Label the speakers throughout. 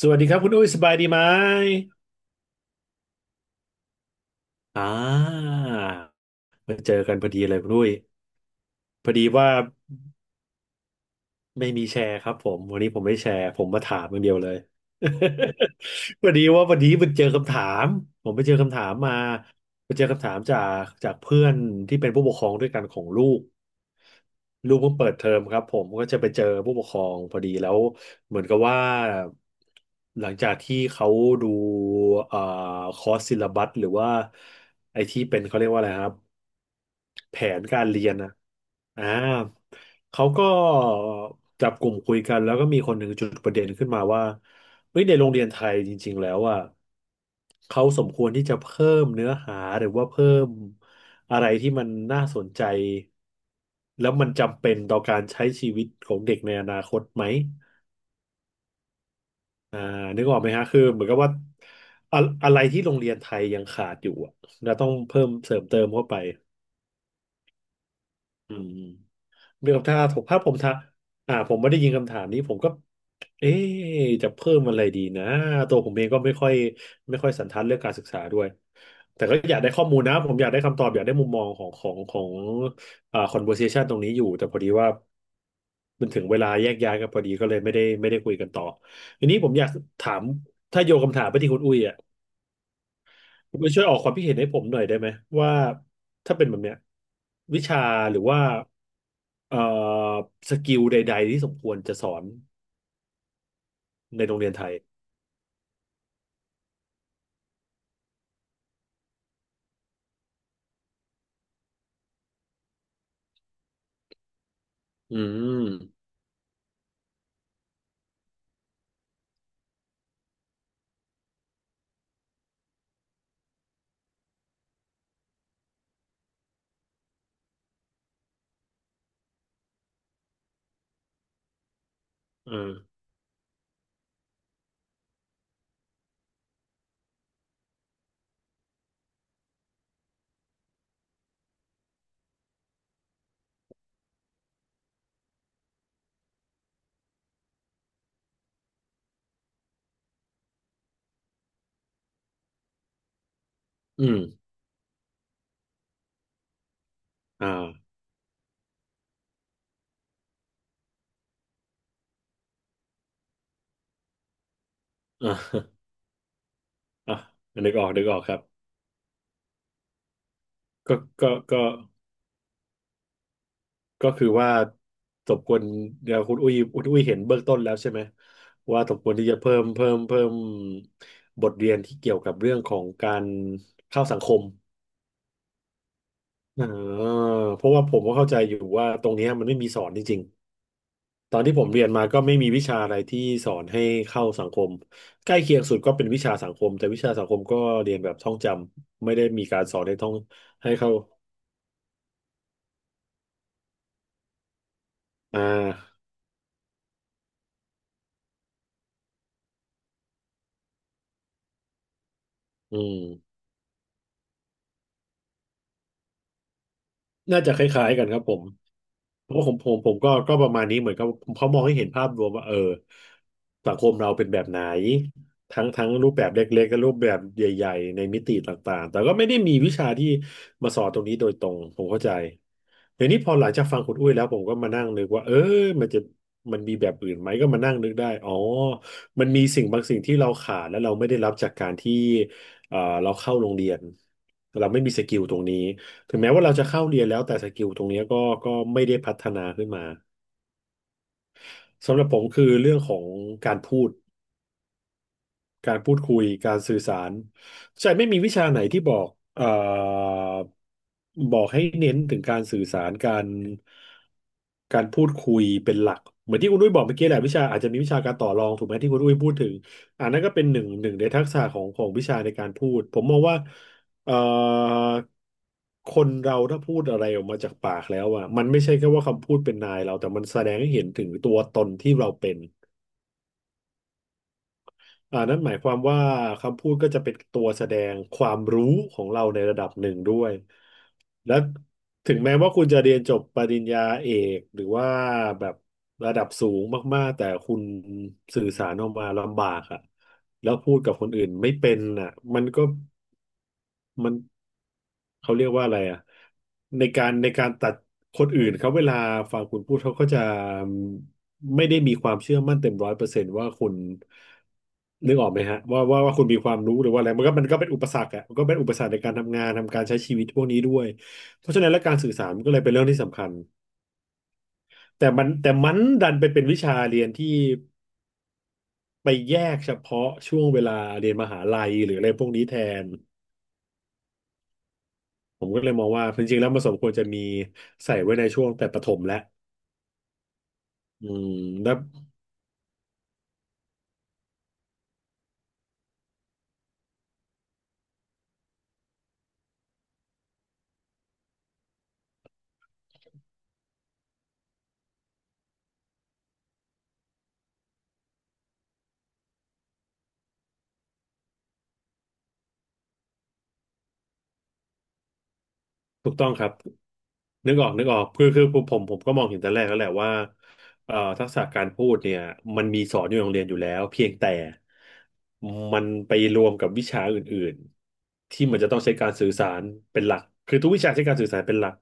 Speaker 1: สวัสดีครับคุณอุ้ยสบายดีไหมอ่า มาเจอกันพอดีเลยคุณอุ้ย พอดีว่า ไม่มีแชร์ครับผมวันนี้ผมไม่แชร์ผมมาถามอย่างเดียวเลย พอดีว่าวันนี้มันเจอคำถามผมไปเจอคำถามมาไปเจอคำถามจากเพื่อนที่เป็นผู้ปกครองด้วยกันของลูกลูกเพิ่งเปิดเทอมครับผมก็จะไปเจอผู้ปกครองพอดีแล้วเหมือนกับว่าหลังจากที่เขาดูเอ่อคอร์สซิลลับัสหรือว่าไอที่เป็นเขาเรียกว่าอะไรครับ แผนการเรียนนะอ่าเขาก็จับกลุ่มคุยกันแล้วก็มีคนหนึ่งจุดประเด็นขึ้นมาว่าเฮ้ยในโรงเรียนไทยจริงๆแล้วอ่ะเขาสมควรที่จะเพิ่มเนื้อหาหรือว่าเพิ่มอะไรที่มันน่าสนใจแล้วมันจำเป็นต่อการใช้ชีวิตของเด็กในอนาคตไหมอ่านึกออกไหมฮะคือเหมือนกับว่าอะอะไรที่โรงเรียนไทยยังขาดอยู่อะเราต้องเพิ่มเสริมเติมเข้าไปอืม มีคำถามผมถ้าผมถาผมไม่ได้ยินคำถามนี้ผมก็เอ๊ะจะเพิ่มอะไรดีนะตัวผมเองก็ไม่ค่อยสันทัดเรื่องการศึกษาด้วยแต่ก็อยากได้ข้อมูลนะผมอยากได้คำตอบอยากได้มุมมองของconversation ตรงนี้อยู่แต่พอดีว่ามันถึงเวลาแยกย้ายกันพอดีก็เลยไม่ได้คุยกันต่อทีนี้ผมอยากถามถ้าโยนคำถามไปที่คุณอุ้ยอ่ะ คุณมาช่วยออกความคิดเห็นให้ผมหน่อยได้ไหมว่าถ้าเป็นแบบเนี้ยวิชาหรือว่าเอ่อสกิลใดๆที่สมควรจะสอนในโรงเรียนไทยอืมอืมอืมอ่าอ่าอ่านึกออกนึกออกครับก็ก็ก็คือว่าสมควรเดี๋ยวคุณอุ้ยเห็นเบื้องต้นแล้วใช่ไหมว่าสมควรที่จะเพิ่มบทเรียนที่เกี่ยวกับเรื่องของการเข้าสังคม อ่าเพราะว่าผมก็เข้าใจอยู่ว่าตรงเนี้ยมันไม่มีสอนจริงๆตอนที่ผมเรียนมาก็ไม่มีวิชาอะไรที่สอนให้เข้าสังคมใกล้เคียงสุดก็เป็นวิชาสังคมแต่วิชาสังคมก็เรียนแบบท่องจำไม่ได้มีการสอนให้ท่องให้เข้าอ่าอืม น่าจะคล้ายๆกันครับผมเพราะผมก็ประมาณนี้เหมือนกับเขามองให้เห็นภาพรวมว่าเออสังคมเราเป็นแบบไหนทั้งรูปแบบเล็กๆและรูปแบบใหญ่ๆในมิติต่างๆแต่ก็ไม่ได้มีวิชาที่มาสอนตรงนี้โดยตรงผมเข้าใจเดี๋ยวนี้พอหลังจากฟังคุณอุ้ยแล้วผมก็มานั่งนึกว่าเออมันจะมันมีแบบอื่นไหมก็มานั่งนึกได้อ๋อมันมีสิ่งบางสิ่งที่เราขาดและเราไม่ได้รับจากการที่เอ่อเราเข้าโรงเรียนเราไม่มีสกิลตรงนี้ ถึงแม้ว่าเราจะเข้าเรียนแล้วแต่สกิลตรงเนี้ยก็ไม่ได้พัฒนาขึ้นมาสำหรับผมคือเรื่องของการพูด การพูดคุยการสื่อสารใช่ไม่มีวิชาไหนที่บอกเอ่อบอกให้เน้นถึงการสื่อสารการพูดคุยเป็นหลักเหมือนที่คุณอุ้ยบอกเมื่อกี้แหละวิชาอาจจะมีวิชาการต่อรองถูกไหมที่คุณอุ้ยพูดถึงอันนั้นก็เป็นหนึ่งในทักษะของวิชาในการพูดผมมองว่าเอ่อคนเราถ้าพูดอะไรออกมาจากปากแล้วอ่ะมันไม่ใช่แค่ว่าคำพูดเป็นนายเราแต่มันแสดงให้เห็นถึงตัวตนที่เราเป็น นั่นหมายความว่าคำพูดก็จะเป็นตัวแสดงความรู้ของเราในระดับหนึ่งด้วยและถึงแม้ว่าคุณจะเรียนจบปริญญาเอกหรือว่าแบบระดับสูงมากๆแต่คุณสื่อสารออกมาลำบากอะแล้วพูดกับคนอื่นไม่เป็นอ่ะมันก็ มันเขาเรียกว่าอะไรอ่ะในการตัดคนอื่นเขาเวลาฟังคุณพูดเขาก็จะไม่ได้มีความเชื่อมั่นเต็มร้อยเปอร์เซนต์ว่าคุณนึกออกไหมฮะว่าคุณมีความรู้หรือว่าอะไรมันก็เป็นอุปสรรคอ่ะมันก็เป็นอุปสรรคในการทำงานทำการใช้ชีวิตพวกนี้ด้วยเพราะฉะนั้นและการสื่อสารมันก็เลยเป็นเรื่องที่สำคัญแต่มันดันไปเป็นวิชาเรียนที่ไปแยกเฉพาะช่วงเวลาเรียนมหาลัยหรืออะไรพวกนี้แทน ผมก็เลยมองว่าจริงๆแล้วมันสมควรจะมีใส่ไว้ในช่วงแต่ประถมและอืมแล้วถูกต้องครับนึกออกนึกออกคือผมก็มองเห็นแต่แรกแล้วแหละว่าทักษะการพูดเนี่ยมันมีสอนอยู่ในโรงเรียนอยู่แล้วเพียงแต่มันไปรวมกับวิชาอื่นๆที่มันจะต้องใช้การสื่อสารเป็นหลักคือทุกวิชาใช้การสื่อสารเป็นหลัก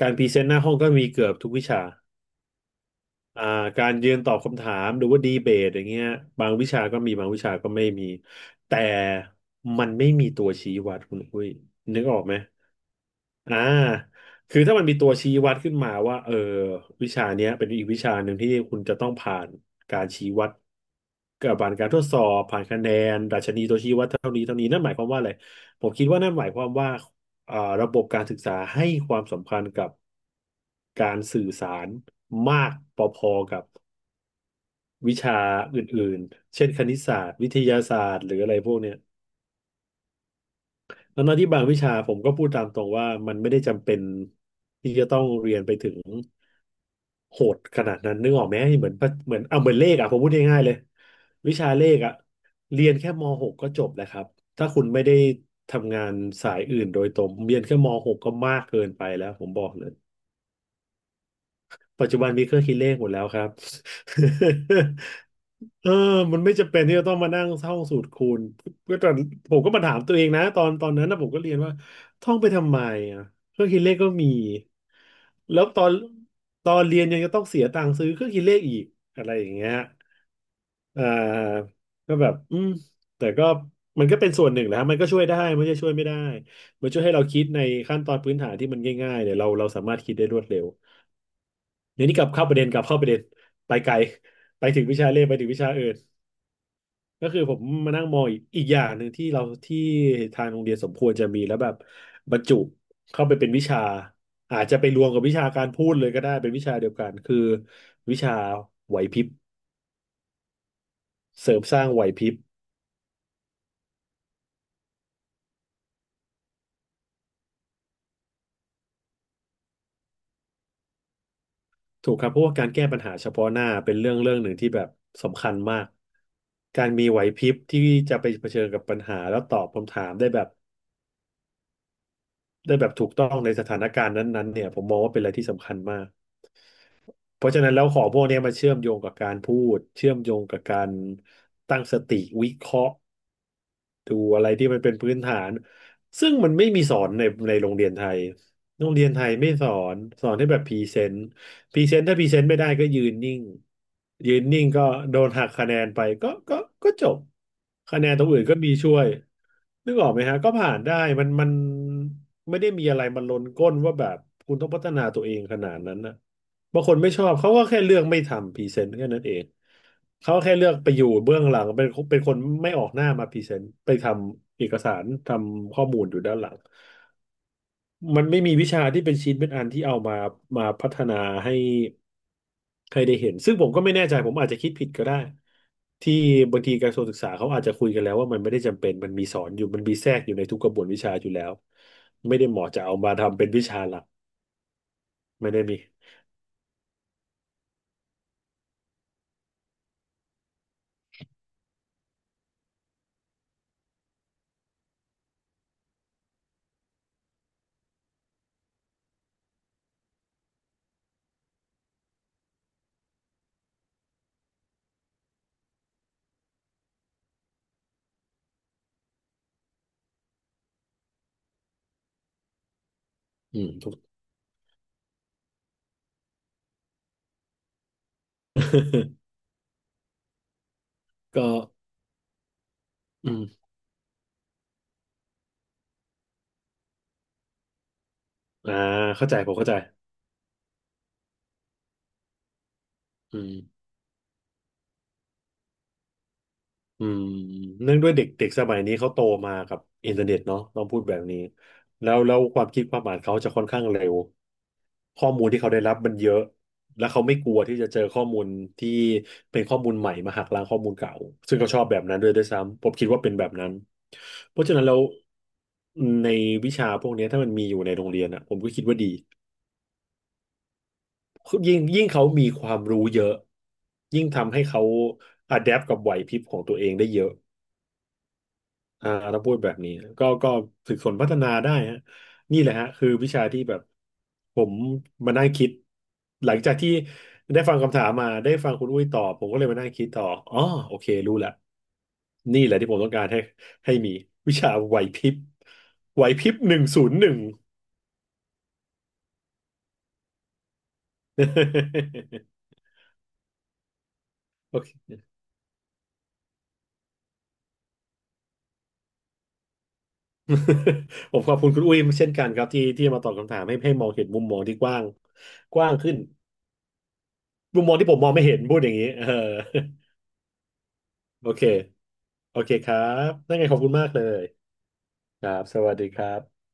Speaker 1: การพรีเซนต์หน้าห้องก็มีเกือบทุกวิชา อ่าการยืนตอบคำถามหรือว่าดีเบตอย่างเงี้ยบางวิชาก็มีบางวิชาก็ไม่มีแต่มันไม่มีตัวชี้วัดคุณอุ้ยนึกออกไหมอ่าคือถ้ามันมีตัวชี้วัดขึ้นมาว่าเออวิชาเนี้ยเป็นอีกวิชาหนึ่งที่คุณจะต้องผ่านการชี้วัดกับผ่านการทดสอบผ่านคะแนนดัชนีตัวชี้วัดเท่านี้เท่านี้นั่นหมายความว่าอะไรผมคิดว่านั่นหมายความว่า อ่าระบบการศึกษาให้ความสำคัญกับการสื่อสารมากพอๆกับวิชาอื่นๆ เช่นคณิตศาสตร์วิทยาศาสตร์หรืออะไรพวกเนี้ยทั้งๆที่บางวิชาผมก็พูดตามตรงว่ามันไม่ได้จำเป็นที่จะต้องเรียนไปถึงโหดขนาดนั้นนึกออกไหมเหมือนเอาเหมือนเลขอ่ะ ผมพูดง่ายๆเลยวิชาเลขอ่ะเรียนแค่ม .6 ก็จบแล้วครับถ้าคุณไม่ได้ทำงานสายอื่นโดยตรงเรียนแค่มหกก็มากเกินไปแล้วผมบอกเลย ปัจจุบันมีเครื่องคิดเลขหมดแล้วครับ เออมันไม่จำเป็นที่จะต้องมานั่งท่องสูตรคูณก็ตอนผมก็มาถามตัวเองนะตอนนั้นนะผมก็เรียนว่าท่องไปทำไมอ่ะเครื่องคิดเลขก็มีแล้วตอนเรียนยังจะต้องเสียตังค์ซื้อเครื่องคิดเลขอีกอะไรอย่างเงี้ยอ่าก็แบบอืมแต่ก็มันก็เป็นส่วนหนึ่งแหละฮะมันก็ช่วยได้ไม่ใช่ช่วยไม่ได้มันช่วยให้เราคิดในขั้นตอนพื้นฐานที่มันง่ายๆเนี่ยเราสามารถคิดได้รวดเร็ว เดี๋ยวนี้กลับเข้าประเด็นกลับเข้าประเด็นไปไกลไปถึงวิชาเลขไปถึงวิชาอื่นก็คือผมมานั่งมองอีกอย่างหนึ่งที่เราที่ทางโรงเรียนสมควรจะมีแล้วแบบบรรจุเข้าไปเป็นวิชาอาจจะไปรวมกับวิชาการพูดเลยก็ได้เป็นวิชาเดียวกันคือวิชาไหวพริบเสริมสร้างไหวพริบถูกครับเพราะว่าการแก้ปัญหาเฉพาะหน้าเป็นเรื่องหนึ่งที่แบบสำคัญมากการมีไหวพริบที่จะไปเผชิญกับปัญหาแล้วตอบคำถามได้แบบ ได้แบบถูกต้องในสถานการณ์นั้นๆเนี่ยผมมองว่าเป็นอะไรที่สำคัญมากเพราะฉะนั้นแล้วของพวกเนี้ยมันเชื่อมโยงกับการพูดเชื่อมโยงกับการตั้งสติวิเคราะห์ ดูอะไรที่มันเป็นพื้นฐานซึ่งมันไม่มีสอนในโรงเรียนไทยโรงเรียนไทยไม่สอนสอนให้แบบพรีเซนต์พรีเซนต์ถ้าพรีเซนต์ไม่ได้ก็ยืนนิ่งยืนนิ่งก็โดนหักคะแนนไปก็จบคะแนนตรงอื่นก็มีช่วยนึกออกไหมฮะก็ผ่านได้มันไม่ได้มีอะไรมันลนก้นว่าแบบคุณต้องพัฒนาตัวเองขนาดนั้นนะบางคนไม่ชอบเขาก็แค่เลือกไม่ทำพรีเซนต์แค่นั้นเอง เขาแค่เลือกไปอยู่เบื้องหลังเป็นคนไม่ออกหน้ามาพรีเซนต์ไปทำเอกสารทำข้อมูลอยู่ด้านหลังมันไม่มีวิชาที่เป็นชิ้นเป็นอันที่เอามาพัฒนาให้ใครได้เห็นซึ่งผมก็ไม่แน่ใจผมอาจจะคิดผิดก็ได้ที่บางทีกระทรวงศึกษาเขาอาจจะคุยกันแล้วว่ามันไม่ได้จำเป็นมันมีสอนอยู่มันมีแทรกอยู่ในทุกกระบวนวิชาอยู่แล้วไม่ได้เหมาะจะเอามาทำเป็นวิชาหลักไม่ได้มีอืมถูก ก็อืมอ่าเข้าใจผมเข้าใจอืม อืมเนื่องด้วยเด็กเด็กสมัยนี้เขาโตมากับอินเทอร์เน็ตเนาะต้องพูดแบบนี้แล้วความคิดความอ่านเขาจะค่อนข้างเร็วข้อมูลที่เขาได้รับมันเยอะแล้วเขาไม่กลัวที่จะเจอข้อมูลที่เป็นข้อมูลใหม่มาหักล้างข้อมูลเก่าซึ่งเขาชอบแบบนั้นด้วยซ้ำผมคิดว่าเป็นแบบนั้นเพราะฉะนั้นแล้วในวิชาพวกเนี้ยถ้ามันมีอยู่ในโรงเรียนอ่ะผมก็คิดว่าดียิ่งเขามีความรู้เยอะยิ่งทำให้เขาอะแดปกับไหวพริบของตัวเองได้เยอะ อ่าเราพูดแบบนี้ก็ฝึกฝนพัฒนาได้ฮะนี่แหละฮะคือวิชาที่แบบผมมานั่งคิดหลังจากที่ได้ฟังคำถามมาได้ฟังคุณอุ้ยตอบผมก็เลยมานั่งคิดต่ออ๋อโอเครู้ละนี่แหละที่ผมต้องการให้มีวิชาไหวพริบไหวพริบ101 โอเค ผมขอบคุณคุณอุ้ยเช่นกันครับที่มาตอบคำถามให้มองเห็นมุมมองที่กว้างกว้างขึ้นมุมมองที่ผมมองไม่เห็นพูดอย่างนี้เออ โอเค โอเคครับนั่นไงขอบคุณมากเลยครับสวัสดีครับ